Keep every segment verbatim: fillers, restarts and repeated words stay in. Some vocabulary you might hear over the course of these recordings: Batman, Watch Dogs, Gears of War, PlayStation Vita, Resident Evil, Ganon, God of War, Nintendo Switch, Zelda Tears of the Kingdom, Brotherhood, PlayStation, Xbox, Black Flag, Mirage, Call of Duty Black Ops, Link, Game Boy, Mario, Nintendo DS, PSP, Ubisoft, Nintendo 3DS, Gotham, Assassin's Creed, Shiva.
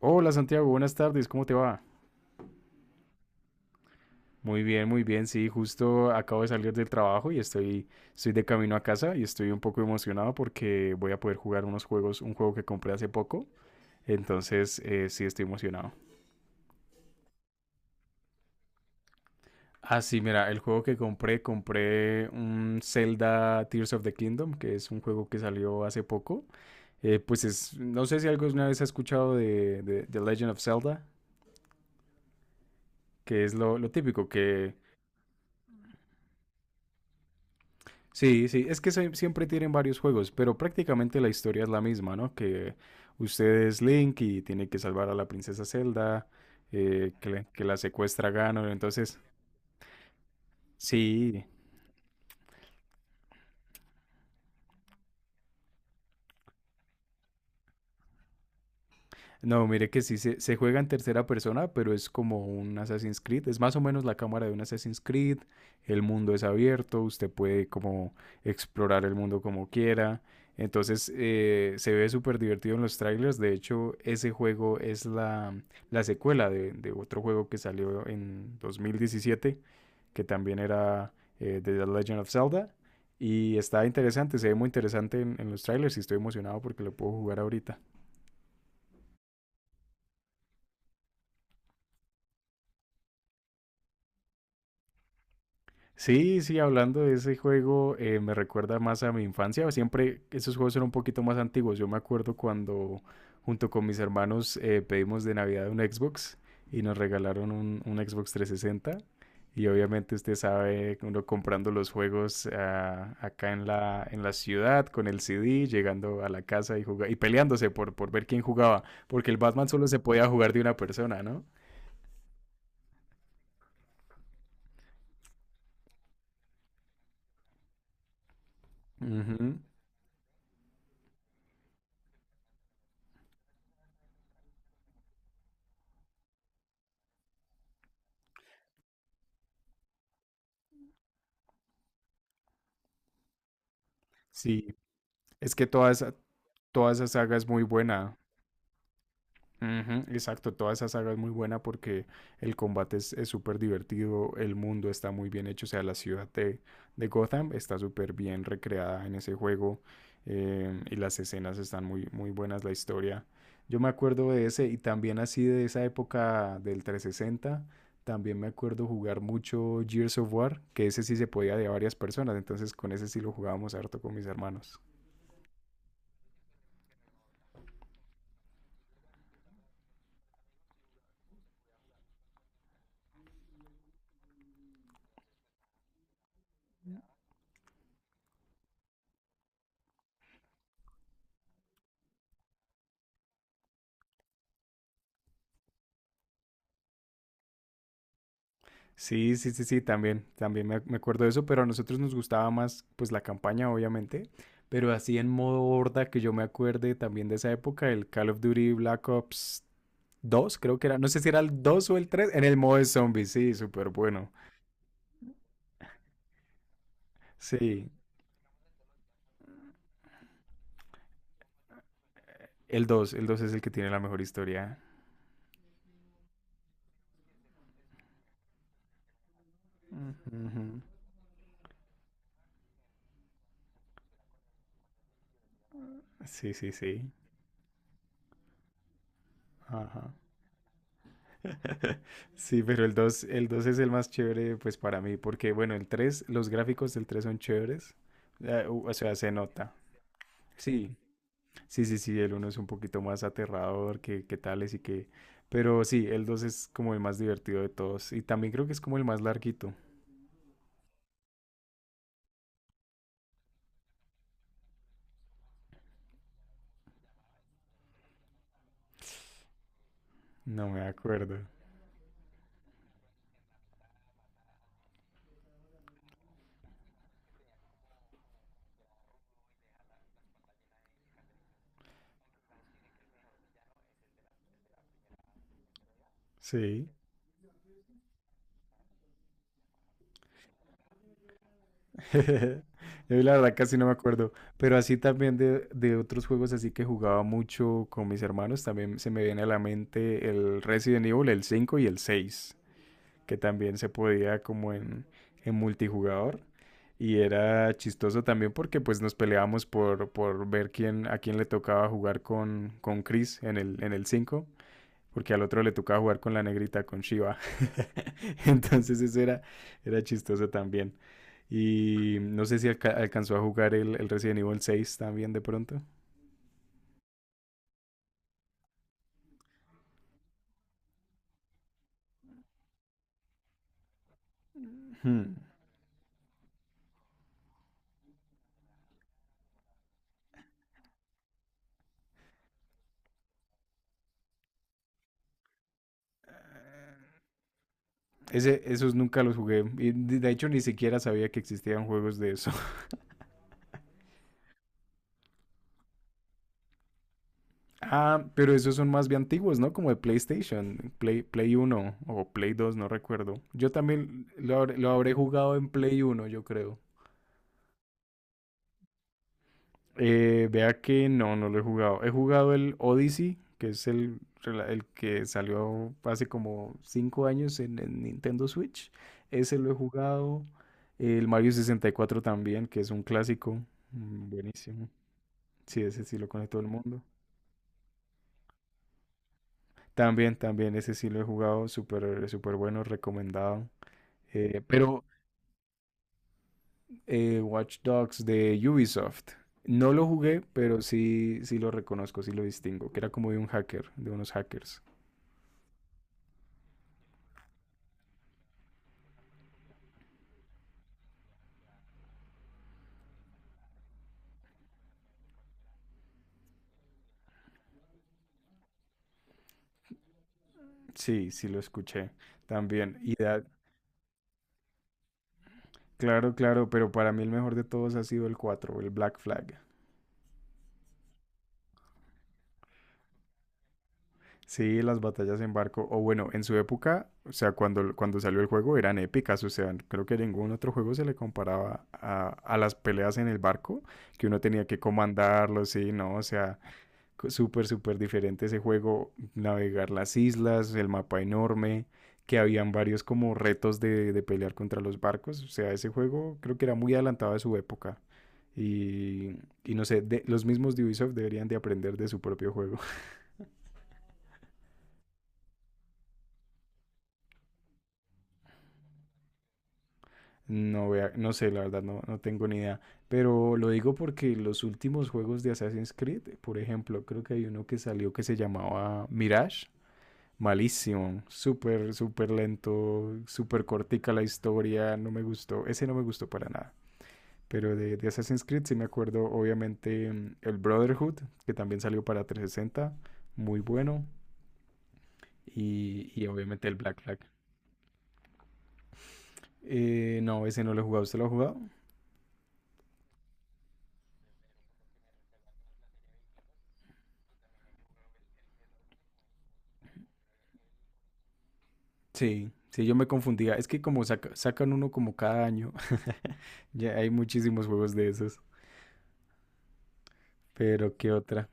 Hola Santiago, buenas tardes, ¿cómo te va? Muy bien, muy bien, sí, justo acabo de salir del trabajo y estoy, estoy de camino a casa y estoy un poco emocionado porque voy a poder jugar unos juegos, un juego que compré hace poco, entonces eh, sí estoy emocionado. Ah, sí, mira, el juego que compré, compré un Zelda Tears of the Kingdom, que es un juego que salió hace poco. Eh, pues es, no sé si alguna vez has escuchado de, de, de Legend of Zelda, que es lo, lo típico, que sí, sí, es que se- siempre tienen varios juegos, pero prácticamente la historia es la misma, ¿no? Que usted es Link y tiene que salvar a la princesa Zelda, eh, que, le- que la secuestra Ganon, entonces, sí, no, mire que sí se, se juega en tercera persona, pero es como un Assassin's Creed. Es más o menos la cámara de un Assassin's Creed. El mundo es abierto, usted puede como explorar el mundo como quiera. Entonces eh, se ve súper divertido en los trailers. De hecho, ese juego es la, la secuela de, de otro juego que salió en dos mil diecisiete, que también era eh, de The Legend of Zelda. Y está interesante, se ve muy interesante en, en los trailers y estoy emocionado porque lo puedo jugar ahorita. Sí, sí, hablando de ese juego, eh, me recuerda más a mi infancia. Siempre esos juegos eran un poquito más antiguos. Yo me acuerdo cuando junto con mis hermanos eh, pedimos de Navidad un Xbox y nos regalaron un, un Xbox trescientos sesenta. Y obviamente usted sabe, uno comprando los juegos ah, acá en la, en la ciudad con el C D, llegando a la casa y juga- y peleándose por, por ver quién jugaba, porque el Batman solo se podía jugar de una persona, ¿no? Ujú. Sí, es que toda esa, toda esa saga es muy buena. Ujú. Exacto, toda esa saga es muy buena porque el combate es es súper divertido, el mundo está muy bien hecho, o sea, la ciudad de, de Gotham está súper bien recreada en ese juego, eh, y las escenas están muy, muy buenas, la historia. Yo me acuerdo de ese y también así de esa época del trescientos sesenta, también me acuerdo jugar mucho Gears of War, que ese sí se podía de a varias personas, entonces con ese sí lo jugábamos harto con mis hermanos. Sí, sí, sí, sí, también, también me, me acuerdo de eso, pero a nosotros nos gustaba más pues la campaña, obviamente, pero así en modo horda que yo me acuerde también de esa época, el Call of Duty Black Ops dos, creo que era, no sé si era el dos o el tres, en el modo de zombies, sí, súper bueno. Sí, el dos, el dos es el que tiene la mejor historia. Ujú. Sí, sí, sí. Ajá. Sí, pero el dos, el dos es el más chévere, pues para mí, porque bueno, el tres, los gráficos del tres son chéveres, eh, u- o sea, se nota. Sí, sí, sí, sí, el uno es un poquito más aterrador que, que tales y que. Pero sí, el dos es como el más divertido de todos y también creo que es como el más larguito. No me acuerdo. Sí. Yo la verdad casi no me acuerdo, pero así también de, de otros juegos así que jugaba mucho con mis hermanos, también se me viene a la mente el Resident Evil, el cinco y el seis que también se podía como en, en multijugador. Y era chistoso también porque pues nos peleábamos por, por ver quién, a quién le tocaba jugar con, con Chris en el, en el cinco porque al otro le tocaba jugar con la negrita, con Shiva. Entonces eso era, era chistoso también. Y no sé si alca- alcanzó a jugar el, el Resident Evil seis también de pronto. Hmm. Ese, esos nunca los jugué. Y de hecho ni siquiera sabía que existían juegos de eso. Ah, pero esos son más bien antiguos, ¿no? Como de PlayStation, Play, Play uno o Play dos, no recuerdo. Yo también lo, lo habré jugado en Play uno, yo creo. Eh, vea que no, no lo he jugado. He jugado el Odyssey, que es el, rela- el que salió hace como cinco años en, en Nintendo Switch. Ese lo he jugado. El Mario sesenta y cuatro también, que es un clásico. mm, Buenísimo. Sí, ese sí lo conoce todo el mundo. También, también, ese sí lo he jugado. Súper, súper bueno, recomendado. Eh, pero eh, Watch Dogs de Ubisoft. No lo jugué, pero sí, sí lo reconozco, sí lo distingo, que era como de un hacker, de unos hackers. Sí, sí lo escuché también. Y da- claro, claro, pero para mí el mejor de todos ha sido el cuatro, el Black Flag. Sí, las batallas en barco, o bueno, en su época, o sea, cuando, cuando salió el juego eran épicas, o sea, creo que ningún otro juego se le comparaba a, a las peleas en el barco, que uno tenía que comandarlo, sí, no, o sea, súper, súper diferente ese juego, navegar las islas, el mapa enorme, que habían varios como retos de, de pelear contra los barcos. O sea, ese juego creo que era muy adelantado a su época. Y, y no sé, de- los mismos de Ubisoft deberían de aprender de su propio juego. No, vea, no sé, la verdad no, no tengo ni idea. Pero lo digo porque los últimos juegos de Assassin's Creed, por ejemplo, creo que hay uno que salió que se llamaba Mirage. Malísimo, súper, súper lento, súper cortica la historia, no me gustó, ese no me gustó para nada. Pero de, de, Assassin's Creed sí me acuerdo, obviamente, mm, el Brotherhood, que también salió para tres sesenta, muy bueno, y, y obviamente el Black Flag. Eh, no, ese no lo he jugado, ¿usted lo ha jugado? Sí, sí, yo me confundía, es que como saca, sacan uno como cada año, ya hay muchísimos juegos de esos, pero ¿qué otra?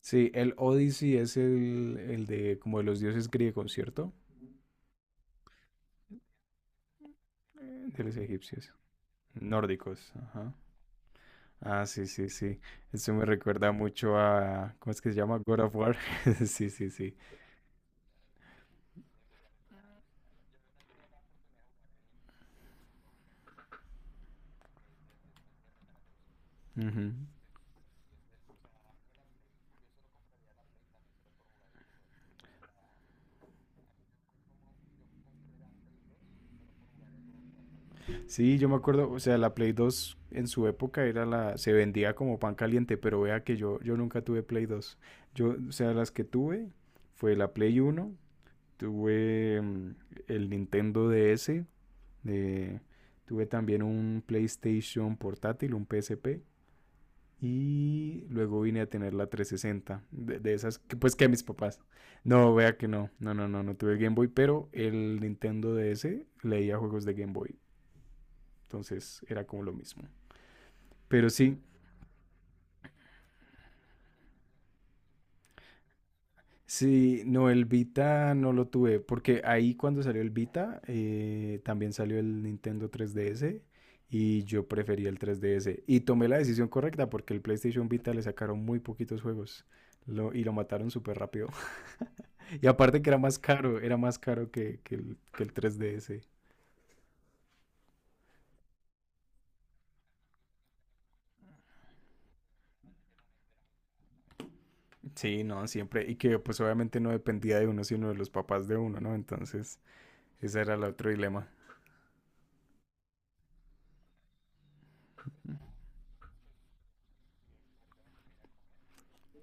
Sí, el Odyssey es el, el de como de los dioses griegos, ¿cierto? Eh, De los egipcios, nórdicos, ajá. Ah, sí, sí, sí. Eso me recuerda mucho a, ¿cómo es que se llama? God of War. Sí, sí, sí. Ujú. Sí, yo me acuerdo, o sea, la Play dos en su época era la, se vendía como pan caliente, pero vea que yo, yo nunca tuve Play dos. Yo, o sea, las que tuve fue la Play uno, tuve mm, el Nintendo D S, De, tuve también un PlayStation portátil, un P S P. Y luego vine a tener la trescientos sesenta de, de esas, que, pues que mis papás. No, vea que no, no, no, no, no tuve Game Boy, pero el Nintendo D S leía juegos de Game Boy, entonces era como lo mismo. Pero sí, sí, no, el Vita no lo tuve, porque ahí cuando salió el Vita, eh, también salió el Nintendo tres D S y yo prefería el tres D S. Y tomé la decisión correcta porque el PlayStation Vita le sacaron muy poquitos juegos lo- y lo mataron súper rápido. Y aparte que era más caro, era más caro que, que el, que el tres D S. Sí, no, siempre. Y que pues obviamente no dependía de uno, sino de los papás de uno, ¿no? Entonces, ese era el otro dilema.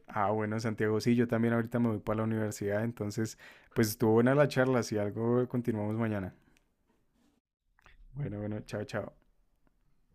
Ah, bueno, Santiago, sí, yo también ahorita me voy para la universidad, entonces, pues estuvo buena la charla, si algo continuamos mañana. Bueno, bueno, chao, chao.